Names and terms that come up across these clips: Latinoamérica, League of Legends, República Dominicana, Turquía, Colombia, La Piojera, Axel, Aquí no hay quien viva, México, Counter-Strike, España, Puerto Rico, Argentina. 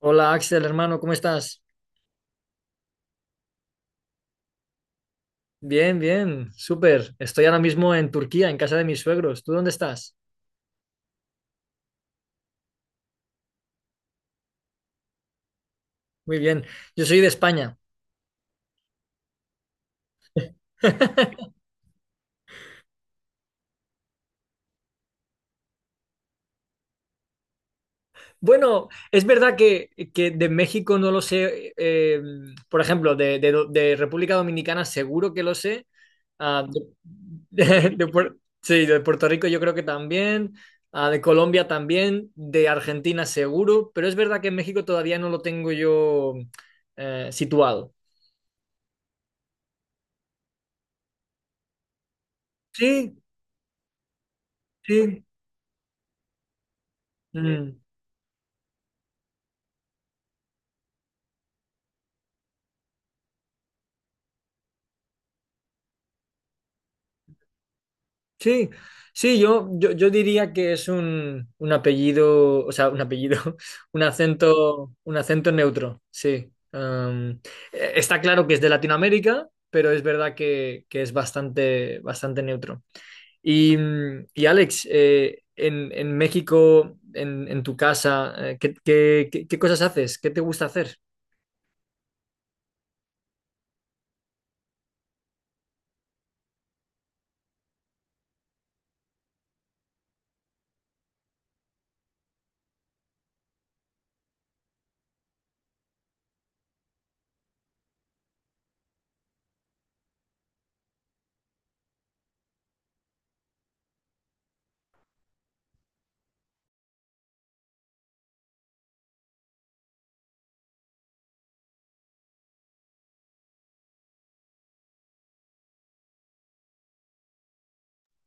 Hola Axel, hermano, ¿cómo estás? Bien, bien, súper. Estoy ahora mismo en Turquía, en casa de mis suegros. ¿Tú dónde estás? Muy bien. Yo soy de España. Bueno, es verdad que, de México no lo sé. Por ejemplo, de República Dominicana seguro que lo sé. Ah, de, sí, de Puerto Rico yo creo que también. Ah, de Colombia también. De Argentina seguro. Pero es verdad que en México todavía no lo tengo yo situado. Sí, sí. Mm, sí, sí, yo diría que es un apellido, o sea, un apellido, un acento neutro, sí. Está claro que es de Latinoamérica, pero es verdad que, es bastante, bastante neutro. Y Alex, en México, en tu casa, ¿ qué cosas haces? ¿Qué te gusta hacer?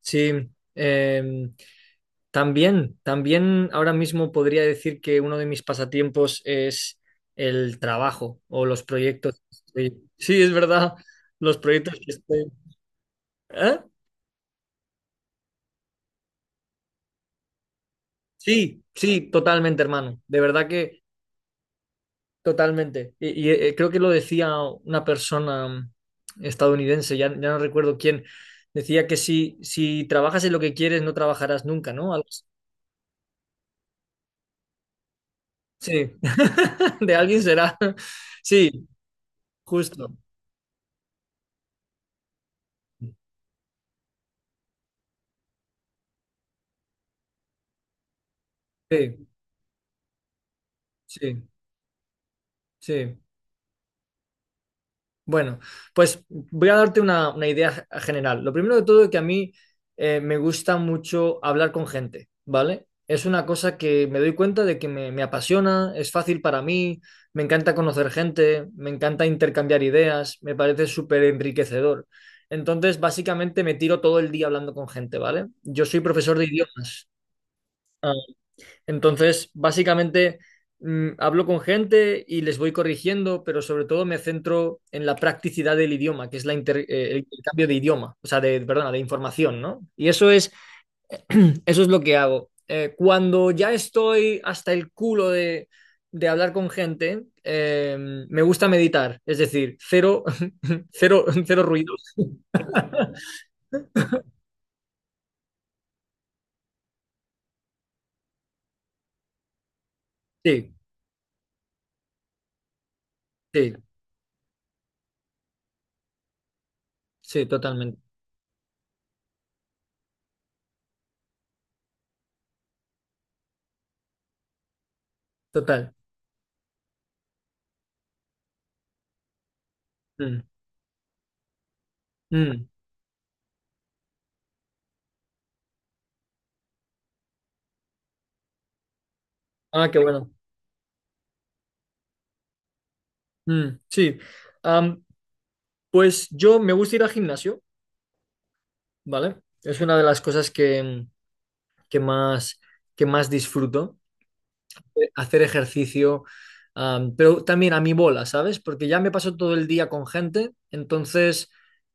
Sí, em, también, ahora mismo podría decir que uno de mis pasatiempos es el trabajo o los proyectos. Sí, es verdad, los proyectos que estoy. ¿Eh? Sí, sí, totalmente, hermano. De verdad que totalmente. Y creo que lo decía una persona estadounidense, ya no recuerdo quién. Decía que si, trabajas en lo que quieres, no trabajarás nunca, ¿no? Algo así. Sí, de alguien será. Sí, justo. Sí, sí. Sí, bueno, pues voy a darte una, idea general. Lo primero de todo es que a mí me gusta mucho hablar con gente, ¿vale? Es una cosa que me doy cuenta de que me apasiona, es fácil para mí, me encanta conocer gente, me encanta intercambiar ideas, me parece súper enriquecedor. Entonces, básicamente me tiro todo el día hablando con gente, ¿vale? Yo soy profesor de idiomas. ah, Entonces, básicamente, hablo con gente y les voy corrigiendo, pero sobre todo me centro en la practicidad del idioma, que es el intercambio de idioma, o sea, de, perdona, de información, ¿no? Y eso es, eso es lo que hago. Cuando ya estoy hasta el culo de, hablar con gente, me gusta meditar, es decir, cero, cero, cero ruidos. Sí, sí, sí, totalmente, total. Mm, mm. Ah, qué bueno. Mm, sí. Am, Pues yo me gusta ir al gimnasio, ¿vale? Es una de las cosas que, más, que más disfruto, hacer ejercicio, pero también a mi bola, ¿sabes? Porque ya me paso todo el día con gente, entonces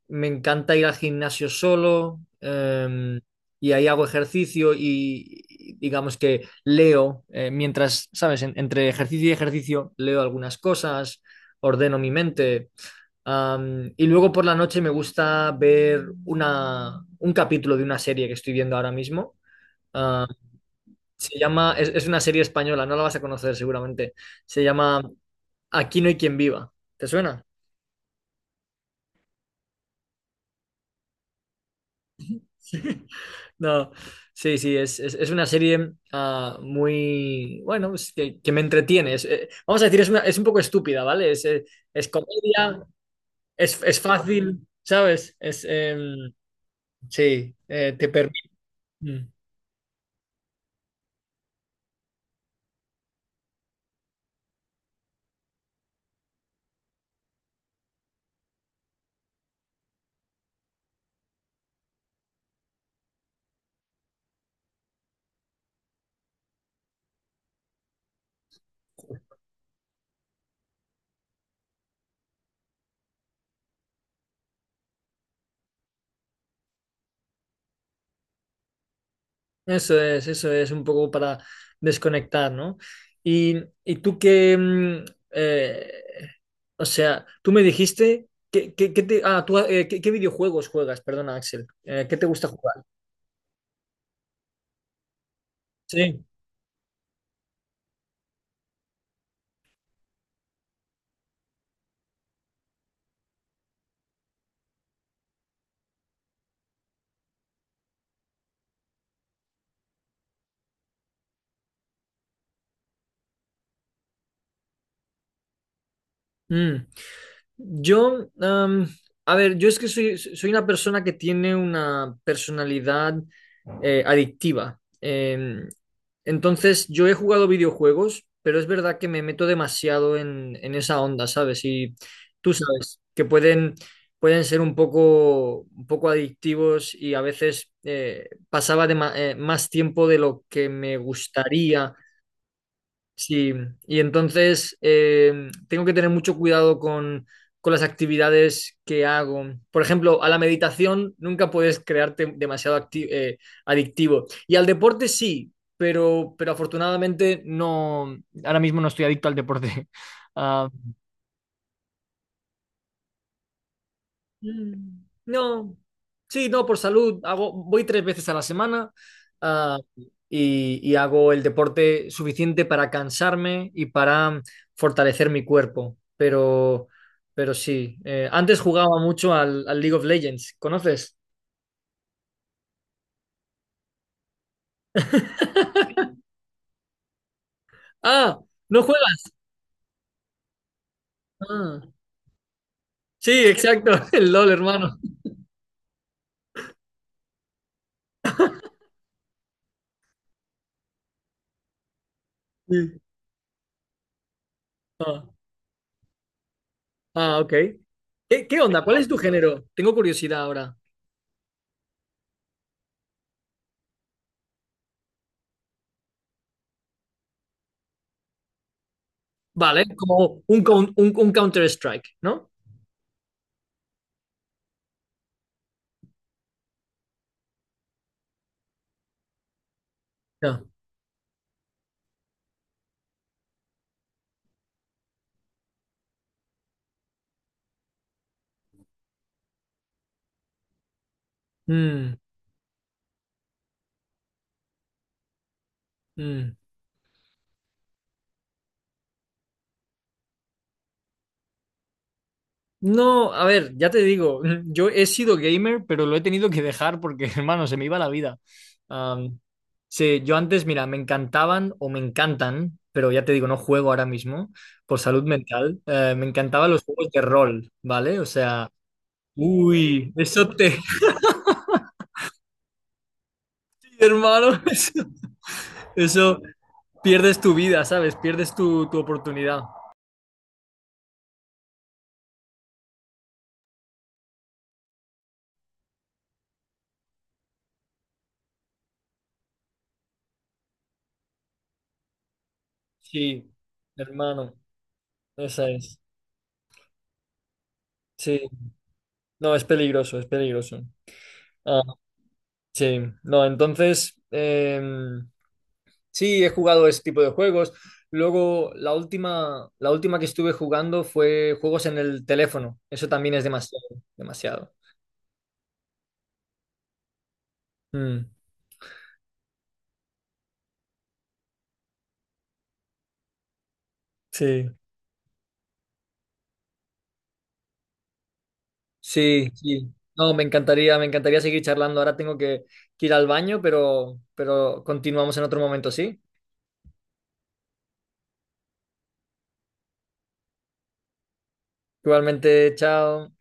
me encanta ir al gimnasio solo, y ahí hago ejercicio y, digamos que leo, mientras, ¿sabes? Entre ejercicio y ejercicio leo algunas cosas, ordeno mi mente. Y luego por la noche me gusta ver una, un capítulo de una serie que estoy viendo ahora mismo. Ah, se llama, es una serie española, no la vas a conocer seguramente. Se llama Aquí no hay quien viva. ¿Te suena? No, sí, sí, es una serie muy, bueno, es que, me entretiene. Vamos a decir, es un poco estúpida, ¿vale? Es comedia, es, fácil, ¿sabes? Sí, te permite. Mm. Eso es un poco para desconectar, ¿no? Y, y tú que, eh, o sea, tú me dijiste que te, ah, tú, ¿qué, videojuegos juegas? Perdona, Axel. ¿Qué te gusta jugar? Sí. Mm. Yo, a ver, yo es que soy, una persona que tiene una personalidad adictiva. Entonces, yo he jugado videojuegos, pero es verdad que me meto demasiado en, esa onda, ¿sabes? Y tú sabes que pueden, ser un poco, adictivos y a veces pasaba más tiempo de lo que me gustaría. Sí, y entonces tengo que tener mucho cuidado con, las actividades que hago. Por ejemplo, a la meditación nunca puedes crearte demasiado adictivo. Y al deporte sí, pero, afortunadamente no, ahora mismo no estoy adicto al deporte. Mm, no, sí, no, por salud. Voy tres veces a la semana, ah, y, hago el deporte suficiente para cansarme y para fortalecer mi cuerpo. Pero, sí, antes jugaba mucho al, League of Legends. ¿Conoces? Ah, ¿no juegas? Ah, sí, exacto, el LOL, hermano. Sí. Ah, ah, ok. ¿Qué, onda? ¿Cuál es tu género? Tengo curiosidad ahora. Vale, como un Counter-Strike, ¿no? Mm, mm. No, a ver, ya te digo, yo he sido gamer, pero lo he tenido que dejar porque, hermano, se me iba la vida. Am, sí, yo antes, mira, me encantaban o me encantan, pero ya te digo, no juego ahora mismo por salud mental. Me encantaban los juegos de rol, ¿vale? O sea, uy, hermano, eso pierdes tu vida, ¿sabes? Pierdes tu, oportunidad. Sí, hermano, esa es. Sí, no, es peligroso, es peligroso. Ah, sí, no, entonces em, sí he jugado ese tipo de juegos. Luego la última, que estuve jugando fue juegos en el teléfono. Eso también es demasiado, demasiado. Mm, sí, sí, sí. No, me encantaría seguir charlando. Ahora tengo que, ir al baño, pero, continuamos en otro momento, ¿sí? Igualmente, chao.